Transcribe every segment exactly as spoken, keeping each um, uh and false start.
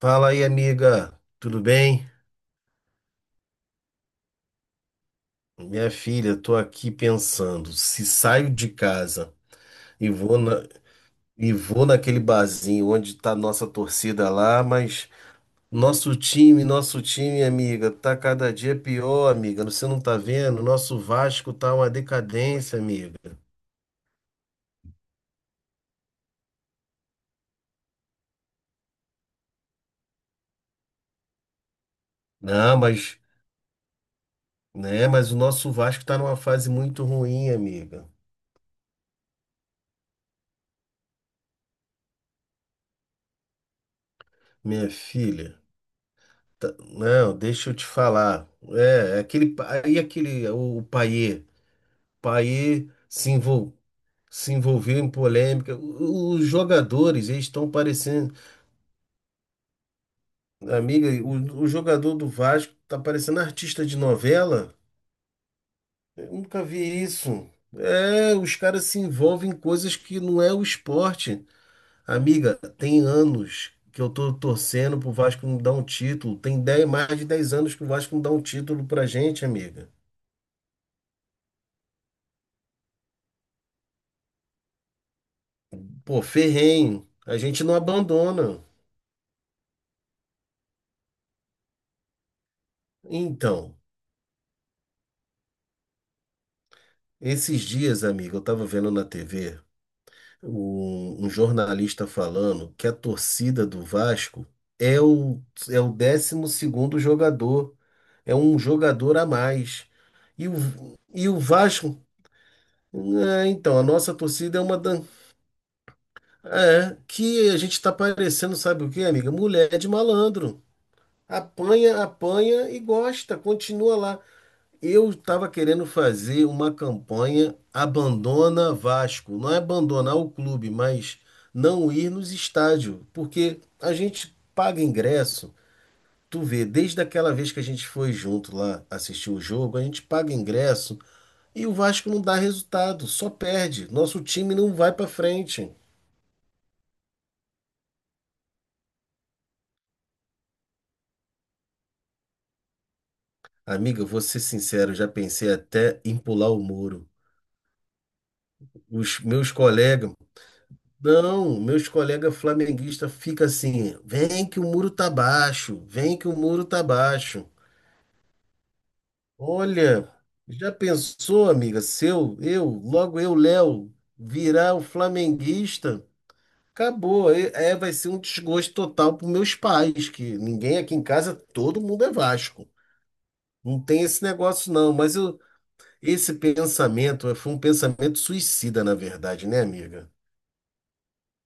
Fala aí, amiga, tudo bem? Minha filha, tô aqui pensando, se saio de casa e vou na, e vou naquele barzinho onde tá nossa torcida lá, mas nosso time, nosso time, amiga, tá cada dia pior, amiga. Você não tá vendo? Nosso Vasco tá uma decadência, amiga. Não, mas, né, mas o nosso Vasco tá numa fase muito ruim, amiga. Minha filha, tá- não, deixa eu te falar. É, aquele, pa- e aquele, o, o Payet? Paê se envol- se envolveu em polêmica. O- Os jogadores, eles estão parecendo. Amiga, o, o jogador do Vasco tá parecendo artista de novela. Eu nunca vi isso. É, os caras se envolvem em coisas que não é o esporte. Amiga, tem anos que eu tô torcendo pro Vasco não dar um título. Tem dez mais de dez anos que o Vasco não dá um título pra gente, amiga. Pô, ferrenho. A gente não abandona. Então. Esses dias, amigo, eu estava vendo na T V um, um jornalista falando que a torcida do Vasco é o, é o décimo segundo jogador, é um jogador a mais. E o, e o Vasco, é, então, a nossa torcida é uma dan... é, que a gente está parecendo, sabe o quê, amiga? Mulher de malandro. Apanha, apanha e gosta, continua lá. Eu estava querendo fazer uma campanha Abandona Vasco. Não é abandonar o clube, mas não ir nos estádios, porque a gente paga ingresso. Tu vê, desde aquela vez que a gente foi junto lá assistir o jogo, a gente paga ingresso e o Vasco não dá resultado, só perde. Nosso time não vai para frente. Amiga, vou ser sincero, já pensei até em pular o muro. Os meus colegas Não, meus colegas flamenguistas ficam assim, vem que o muro tá baixo, vem que o muro tá baixo. Olha, já pensou, amiga, se eu, eu, logo eu, Léo, virar o flamenguista, acabou, é, é, vai ser um desgosto total para meus pais, que ninguém aqui em casa, todo mundo é Vasco. Não tem esse negócio não, mas eu, esse pensamento eh, foi um pensamento suicida, na verdade, né, amiga?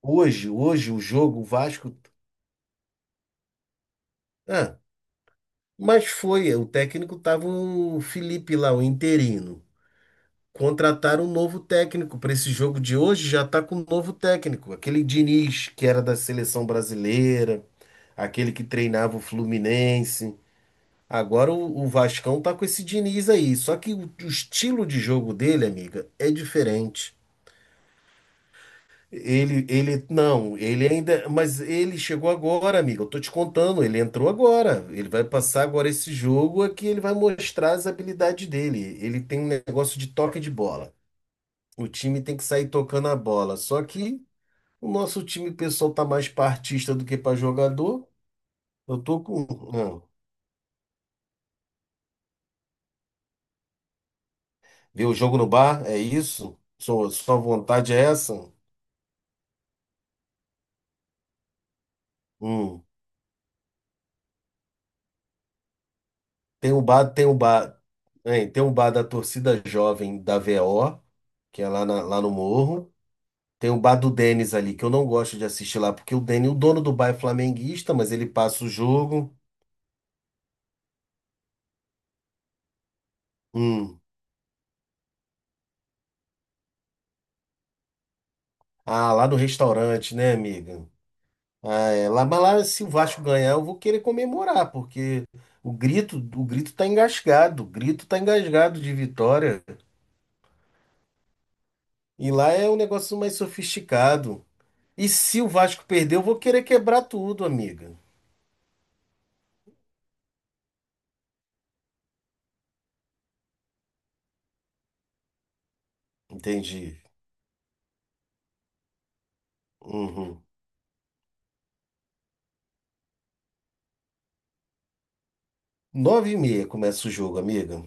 Hoje, hoje o jogo, o Vasco. Mas foi, o técnico tava o Felipe lá, o interino. Contrataram um novo técnico para esse jogo de hoje, já tá com um novo técnico, aquele Diniz que era da seleção brasileira, aquele que treinava o Fluminense. Agora o, o Vascão tá com esse Diniz aí, só que o, o estilo de jogo dele, amiga, é diferente. Ele, ele, não, ele ainda, mas ele chegou agora, amigo. Eu tô te contando, ele entrou agora. Ele vai passar agora esse jogo aqui, ele vai mostrar as habilidades dele. Ele tem um negócio de toque de bola. O time tem que sair tocando a bola. Só que o nosso time pessoal tá mais pra artista do que pra jogador. Eu tô com, não. Ver o jogo no bar, é isso? Sua, sua vontade é essa? Hum. Tem o bar, tem o bar, hein, tem o bar da torcida jovem da V O que é lá, na- lá no Morro. Tem o bar do Denis ali, que eu não gosto de assistir lá, porque o Denis, o dono do bar é flamenguista, mas ele passa o jogo. Hum. Ah, lá no restaurante, né, amiga? Ah, é. Lá, mas lá, se o Vasco ganhar, eu vou querer comemorar, porque o grito, o grito tá engasgado, o grito tá engasgado de vitória. E lá é um negócio mais sofisticado. E se o Vasco perder, eu vou querer quebrar tudo, amiga. Entendi. Uhum. Nove e meia começa o jogo, amiga.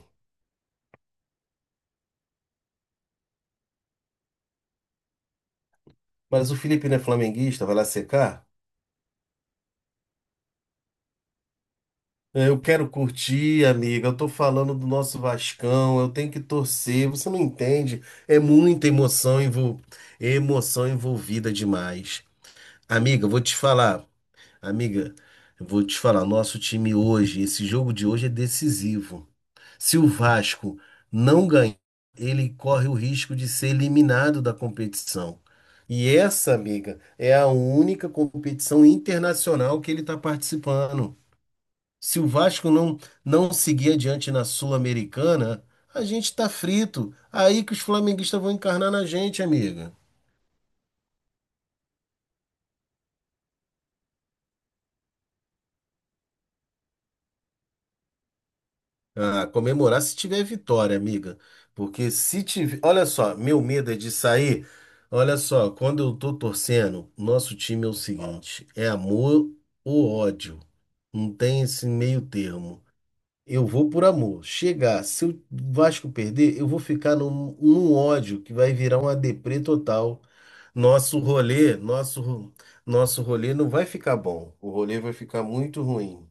Mas o Felipe não é flamenguista, vai lá secar? É, eu quero curtir, amiga. Eu tô falando do nosso Vascão, eu tenho que torcer. Você não entende? É muita emoção, envol... emoção envolvida demais. Amiga, eu vou te falar. Amiga, eu vou te falar. Nosso time hoje, esse jogo de hoje é decisivo. Se o Vasco não ganhar, ele corre o risco de ser eliminado da competição. E essa, amiga, é a única competição internacional que ele está participando. Se o Vasco não, não seguir adiante na Sul-Americana, a gente está frito. Aí que os flamenguistas vão encarnar na gente, amiga. Ah, comemorar se tiver vitória, amiga. Porque se tiver. Olha só, meu medo é de sair. Olha só, quando eu tô torcendo, nosso time é o seguinte: é amor ou ódio. Não tem esse meio termo. Eu vou por amor. Chegar, se o Vasco perder, eu vou ficar num, num ódio que vai virar uma deprê total. Nosso rolê, nosso, nosso rolê não vai ficar bom. O rolê vai ficar muito ruim.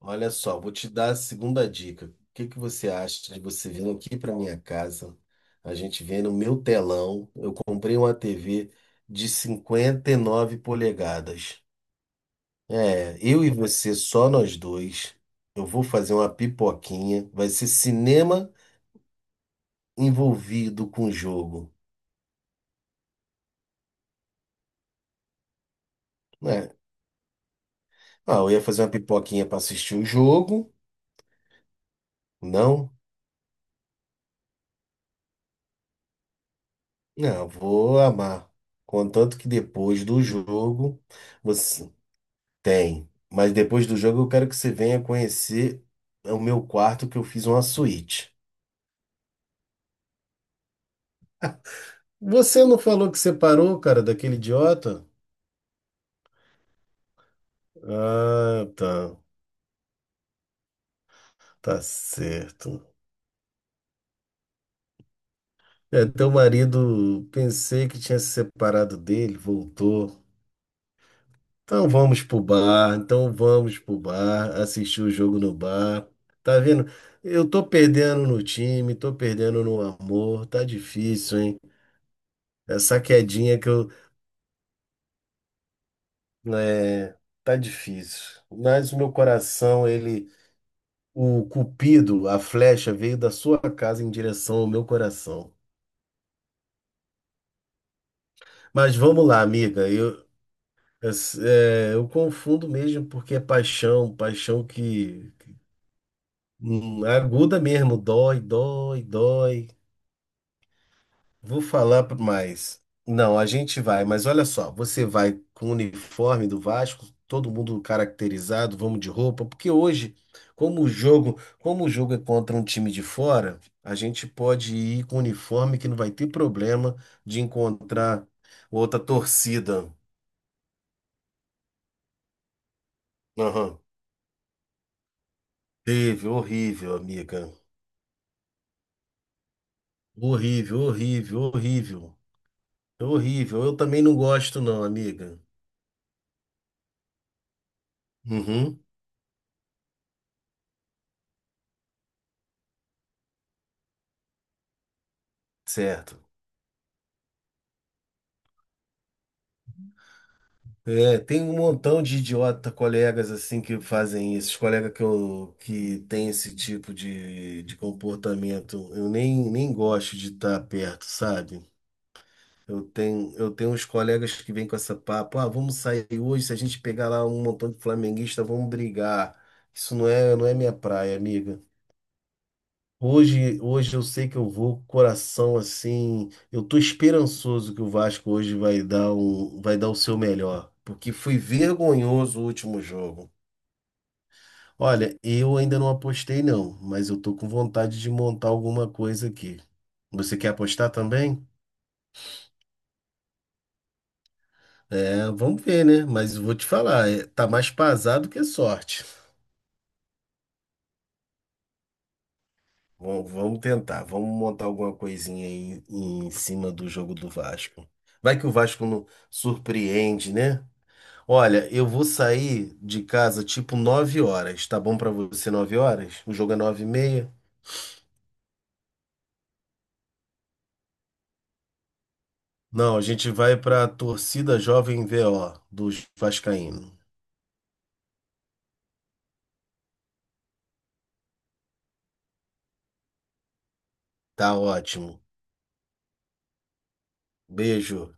Olha só, vou te dar a segunda dica. O que que você acha de você vir aqui para minha casa? A gente vê no meu telão. Eu comprei uma T V de cinquenta e nove polegadas. É, eu e você, só nós dois. Eu vou fazer uma pipoquinha. Vai ser cinema envolvido com o jogo, né? Ah, eu ia fazer uma pipoquinha para assistir o jogo. Não? Não, eu vou amar. Contanto que depois do jogo. Você... Tem. Mas depois do jogo eu quero que você venha conhecer o meu quarto que eu fiz uma suíte. Você não falou que separou, cara, daquele idiota? Ah, tá. Tá certo. É, teu marido, pensei que tinha se separado dele, voltou. Então vamos pro bar, então vamos pro bar, assistir o jogo no bar. Tá vendo? Eu tô perdendo no time, tô perdendo no amor, tá difícil, hein? Essa quedinha que eu É, tá difícil. Mas o meu coração, ele, o cupido, a flecha veio da sua casa em direção ao meu coração. Mas vamos lá, amiga. Eu, es- é, eu confundo mesmo porque é paixão, paixão que hum, aguda mesmo, dói, dói, dói. Vou falar por mais. Não, a gente vai, mas olha só, você vai com o uniforme do Vasco, todo mundo caracterizado, vamos de roupa, porque hoje, como o jogo, como o jogo é contra um time de fora, a gente pode ir com uniforme que não vai ter problema de encontrar outra torcida. Aham. Teve, horrível, amiga. Horrível, horrível, horrível. Horrível. Eu também não gosto, não, amiga. Uhum, certo. É, tem um montão de idiota colegas assim que fazem isso, os colegas que, eu, que tem esse tipo de, de comportamento. Eu nem, nem gosto de estar perto, sabe? Eu tenho, eu tenho uns colegas que vêm com essa papo, ah, vamos sair hoje, se a gente pegar lá um montão de flamenguista, vamos brigar. Isso não é, não é minha praia, amiga. Hoje, hoje eu sei que eu vou com o coração assim. Eu tô esperançoso que o Vasco hoje vai dar um, vai dar o seu melhor, porque foi vergonhoso o último jogo. Olha, eu ainda não apostei não, mas eu tô com vontade de montar alguma coisa aqui. Você quer apostar também? É, vamos ver, né? Mas eu vou te falar, é, tá mais pasado que sorte. Vamos, vamos tentar, vamos montar alguma coisinha aí em cima do jogo do Vasco. Vai que o Vasco não surpreende, né? Olha, eu vou sair de casa tipo nove horas. Tá bom pra você nove horas? O jogo é nove e meia? Não, a gente vai pra torcida Jovem V O dos Vascaíno. Tá ótimo. Beijo.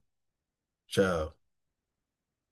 Tchau.